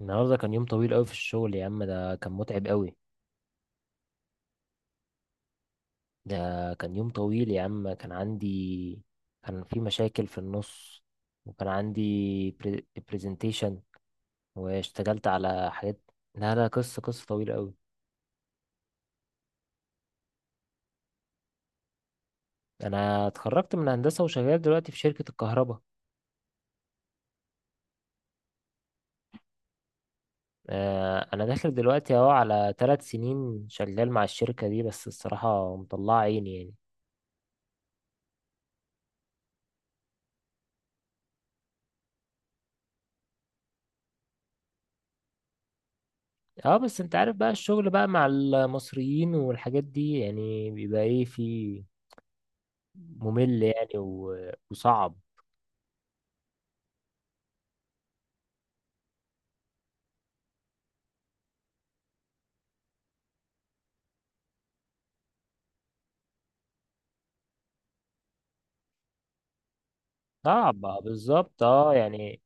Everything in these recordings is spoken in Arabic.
النهارده كان يوم طويل قوي في الشغل يا عم، ده كان متعب قوي. ده كان يوم طويل يا عم، كان عندي، كان في مشاكل في النص، وكان عندي برزنتيشن، واشتغلت على حاجات. لا لا، قصة طويلة قوي. انا اتخرجت من هندسة وشغال دلوقتي في شركة الكهرباء. انا داخل دلوقتي اهو على 3 سنين شغال مع الشركة دي، بس الصراحة مطلعة عيني يعني. اه بس انت عارف بقى، الشغل بقى مع المصريين والحاجات دي، يعني بيبقى ايه، في ممل يعني وصعب. صعب، بالظبط اه يعني.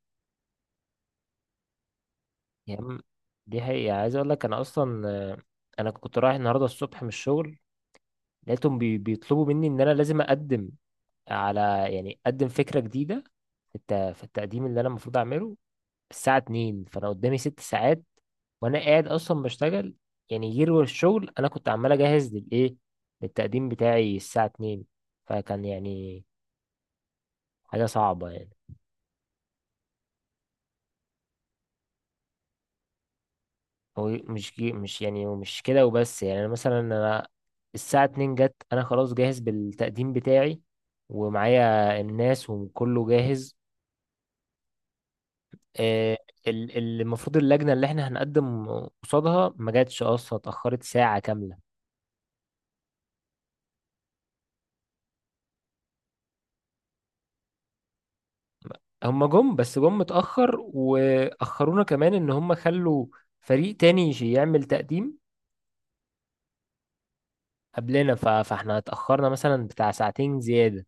يعني دي حقيقة عايز اقول لك، انا اصلا. انا كنت رايح النهارده الصبح من الشغل، لقيتهم بيطلبوا مني ان انا لازم اقدم على، يعني اقدم فكرة جديدة في التقديم اللي انا المفروض اعمله الساعة 2، فانا قدامي 6 ساعات وانا قاعد اصلا بشتغل. يعني غير الشغل انا كنت عمال اجهز للتقديم بتاعي الساعة 2. فكان يعني حاجة صعبة يعني. هو مش جي، مش يعني مش كده وبس. يعني انا مثلا، انا الساعة 2 جت، انا خلاص جاهز بالتقديم بتاعي ومعايا الناس وكله جاهز آه، المفروض اللجنة اللي احنا هنقدم قصادها ما جاتش اصلا، اتأخرت ساعة كاملة. هم جم بس جم متأخر، وأخرونا كمان ان هم خلوا فريق تاني يعمل تقديم قبلنا. فاحنا اتأخرنا مثلا بتاع ساعتين زيادة.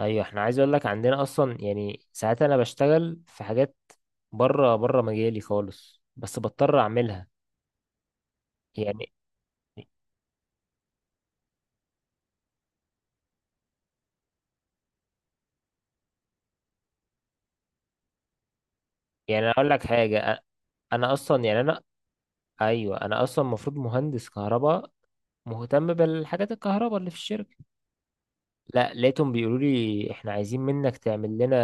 ايوه، احنا عايز اقول لك عندنا اصلا، يعني ساعات انا بشتغل في حاجات بره بره مجالي خالص، بس بضطر اعملها. يعني اقول لك حاجه انا اصلا يعني انا. ايوه انا اصلا المفروض مهندس كهرباء مهتم بالحاجات الكهرباء اللي في الشركه. لا، لقيتهم بيقولوا لي احنا عايزين منك تعمل لنا،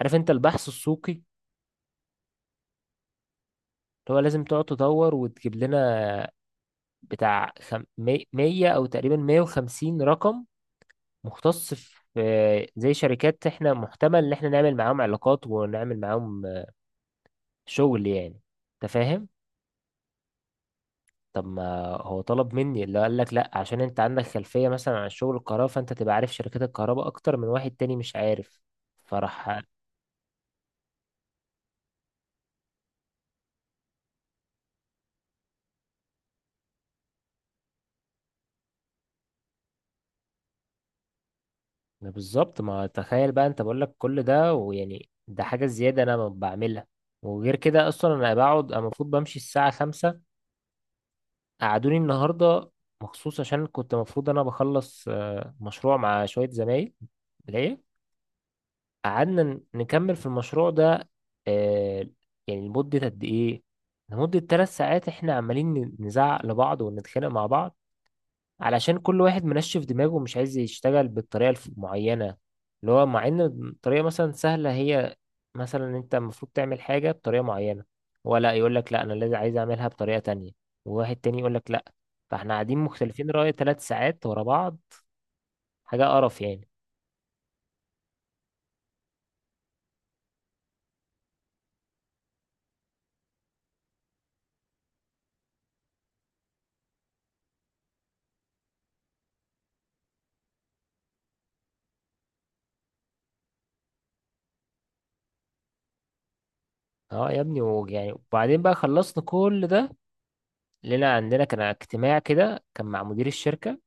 عارف انت البحث السوقي، اللي هو لازم تقعد تدور وتجيب لنا بتاع 100 او تقريبا 150 رقم مختص في زي شركات احنا محتمل ان احنا نعمل معاهم علاقات، ونعمل معاهم شغل يعني. انت فاهم؟ طب ما هو طلب مني، اللي قال لك لا عشان انت عندك خلفية مثلا عن شغل الكهرباء فانت تبقى عارف شركات الكهرباء اكتر من واحد تاني مش عارف، فراح. ما بالظبط، ما تخيل بقى، انت بقول لك كل ده، ويعني ده حاجة زيادة انا ما بعملها. وغير كده اصلا انا بقعد، أنا المفروض بمشي الساعة 5، قعدوني النهاردة مخصوص عشان كنت المفروض انا بخلص مشروع مع شوية زمايل. ليه؟ قعدنا نكمل في المشروع ده. آه. يعني لمدة قد ايه؟ لمدة 3 ساعات احنا عمالين نزعق لبعض ونتخانق مع بعض، علشان كل واحد منشف دماغه ومش عايز يشتغل بالطريقة المعينة اللي هو، مع ان الطريقة مثلا سهلة. هي مثلا انت المفروض تعمل حاجة بطريقة معينة، هو لا يقول لك لا انا لازم عايز اعملها بطريقة تانية، وواحد تاني يقول لك لا. فاحنا قاعدين مختلفين رأي 3 ساعات ورا بعض. حاجة قرف يعني. اه يا ابني، ويعني وبعدين بقى، خلصنا كل ده، لنا عندنا كان اجتماع كده، كان مع مدير الشركة،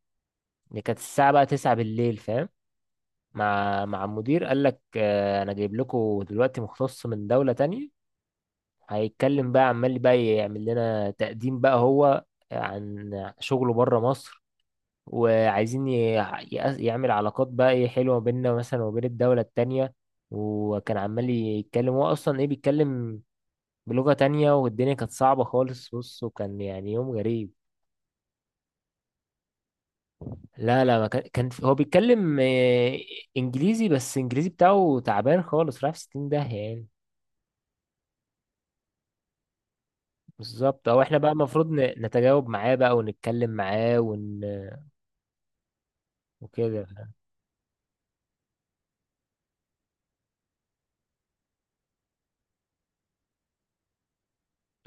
اللي كانت الساعة بقى 9 بالليل فاهم. مع المدير قال لك انا جايب لكم دلوقتي مختص من دولة تانية، هيتكلم بقى، عمال بقى يعمل لنا تقديم بقى هو عن شغله بره مصر، وعايزين يعمل علاقات بقى ايه حلوة بيننا مثلا وبين الدولة التانية. وكان عمال يتكلم، هو اصلا ايه بيتكلم بلغة تانية، والدنيا كانت صعبة خالص. بص، وكان يعني يوم غريب. لا لا، ما كان، هو بيتكلم انجليزي، بس انجليزي بتاعه تعبان خالص، رايح في 60 داهية يعني. بالظبط. او احنا بقى المفروض نتجاوب معاه بقى ونتكلم معاه وكده.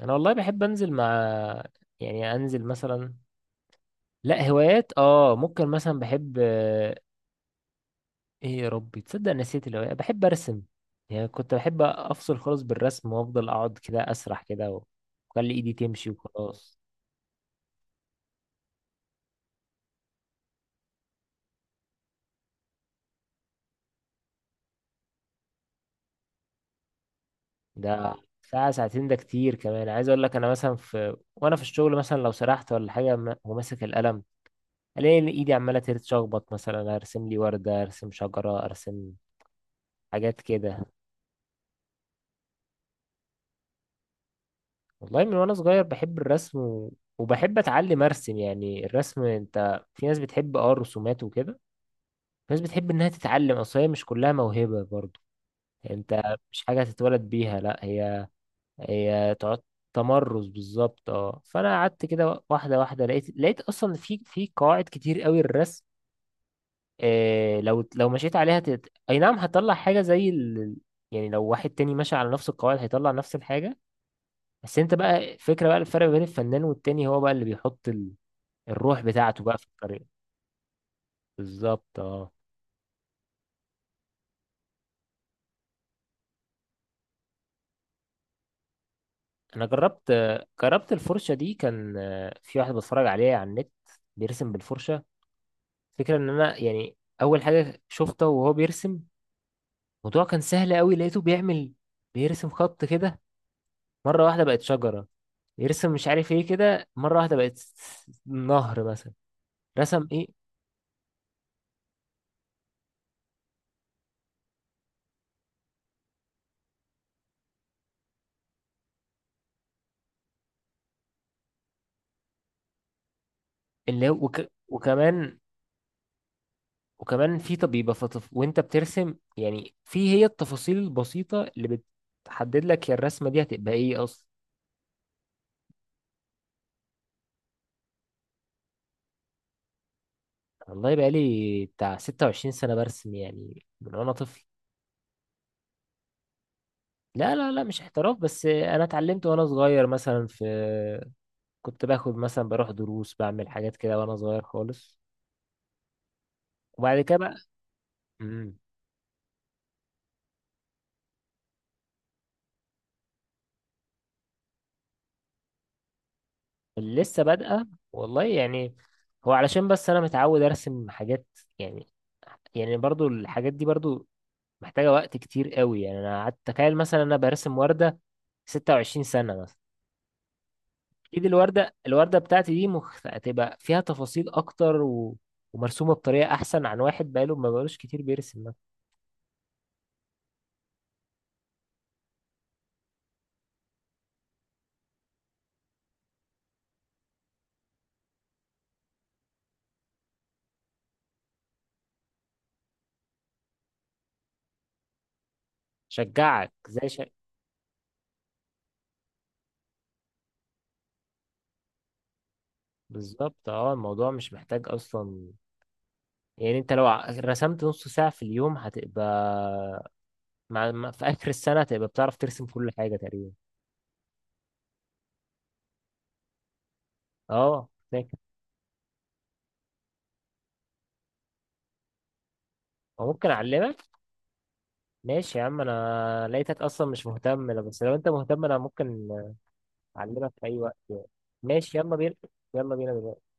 انا والله بحب انزل مع، يعني انزل مثلا. لا، هوايات اه ممكن مثلا بحب ايه يا ربي، تصدق نسيت الهوايات. بحب ارسم يعني. كنت بحب افصل خالص بالرسم، وافضل اقعد كده اسرح كده واخلي ايدي تمشي وخلاص. ده ساعة ساعتين ده كتير كمان. عايز اقول لك انا مثلا، في وانا في الشغل مثلا لو سرحت ولا حاجة وماسك القلم، الاقي إن ايدي عمالة تتشخبط، مثلا ارسم لي وردة، ارسم شجرة، ارسم حاجات كده. والله من وانا صغير بحب الرسم وبحب اتعلم ارسم. يعني الرسم انت، في ناس بتحب اه الرسومات وكده، في ناس بتحب انها تتعلم، اصل هي مش كلها موهبة برضو انت، مش حاجة تتولد بيها، لا هي هي تمرس. بالظبط اه. فانا قعدت كده واحده واحده، لقيت اصلا في قواعد كتير قوي الرسم، إيه لو مشيت عليها اي نعم هتطلع حاجه زي ال... يعني لو واحد تاني ماشي على نفس القواعد هيطلع نفس الحاجه. بس انت بقى الفكره بقى، الفرق بين الفنان والتاني هو بقى اللي بيحط ال... الروح بتاعته بقى في الطريقه. بالظبط اه. انا جربت، الفرشه دي. كان في واحد بتفرج عليه على النت بيرسم بالفرشه. الفكره ان انا يعني اول حاجه شفته وهو بيرسم، الموضوع كان سهل قوي. لقيته بيعمل، بيرسم خط كده، مرة واحدة بقت شجرة، يرسم مش عارف ايه كده مرة واحدة بقت نهر مثلا. رسم ايه؟ اللي هو وكمان وكمان في، طب يبقى فطف وانت بترسم، يعني في هي التفاصيل البسيطة اللي بتحدد لك يا الرسمة دي هتبقى ايه اصلا. والله بقى لي بتاع 26 سنة برسم يعني من وانا طفل. لا لا لا، مش احتراف، بس انا اتعلمت وانا صغير مثلا، في كنت باخد مثلا بروح دروس، بعمل حاجات كده وانا صغير خالص. وبعد كده بقى. امم اللي لسه بادئه، والله يعني. هو علشان بس انا متعود ارسم حاجات يعني. برضو الحاجات دي برضو محتاجة وقت كتير قوي. يعني انا قعدت، تخيل مثلا انا برسم وردة 26 سنة مثلا. اكيد الوردة، بتاعتي دي هتبقى فيها تفاصيل اكتر ومرسومة بطريقة احسن عن واحد بقاله ما بقالوش كتير بيرسم مثلا. شجعك بالظبط اه. الموضوع مش محتاج اصلا، يعني انت لو رسمت نص ساعة في اليوم هتبقى في آخر السنة هتبقى بتعرف ترسم كل حاجة تقريبا. اه فاكر. أو ممكن أعلمك. ماشي يا عم، أنا لقيتك أصلا مش مهتم، لا، بس لو أنت مهتم أنا ممكن أعلمك في أي وقت يعني. ماشي، يلا بينا، يلا بينا دلوقتي.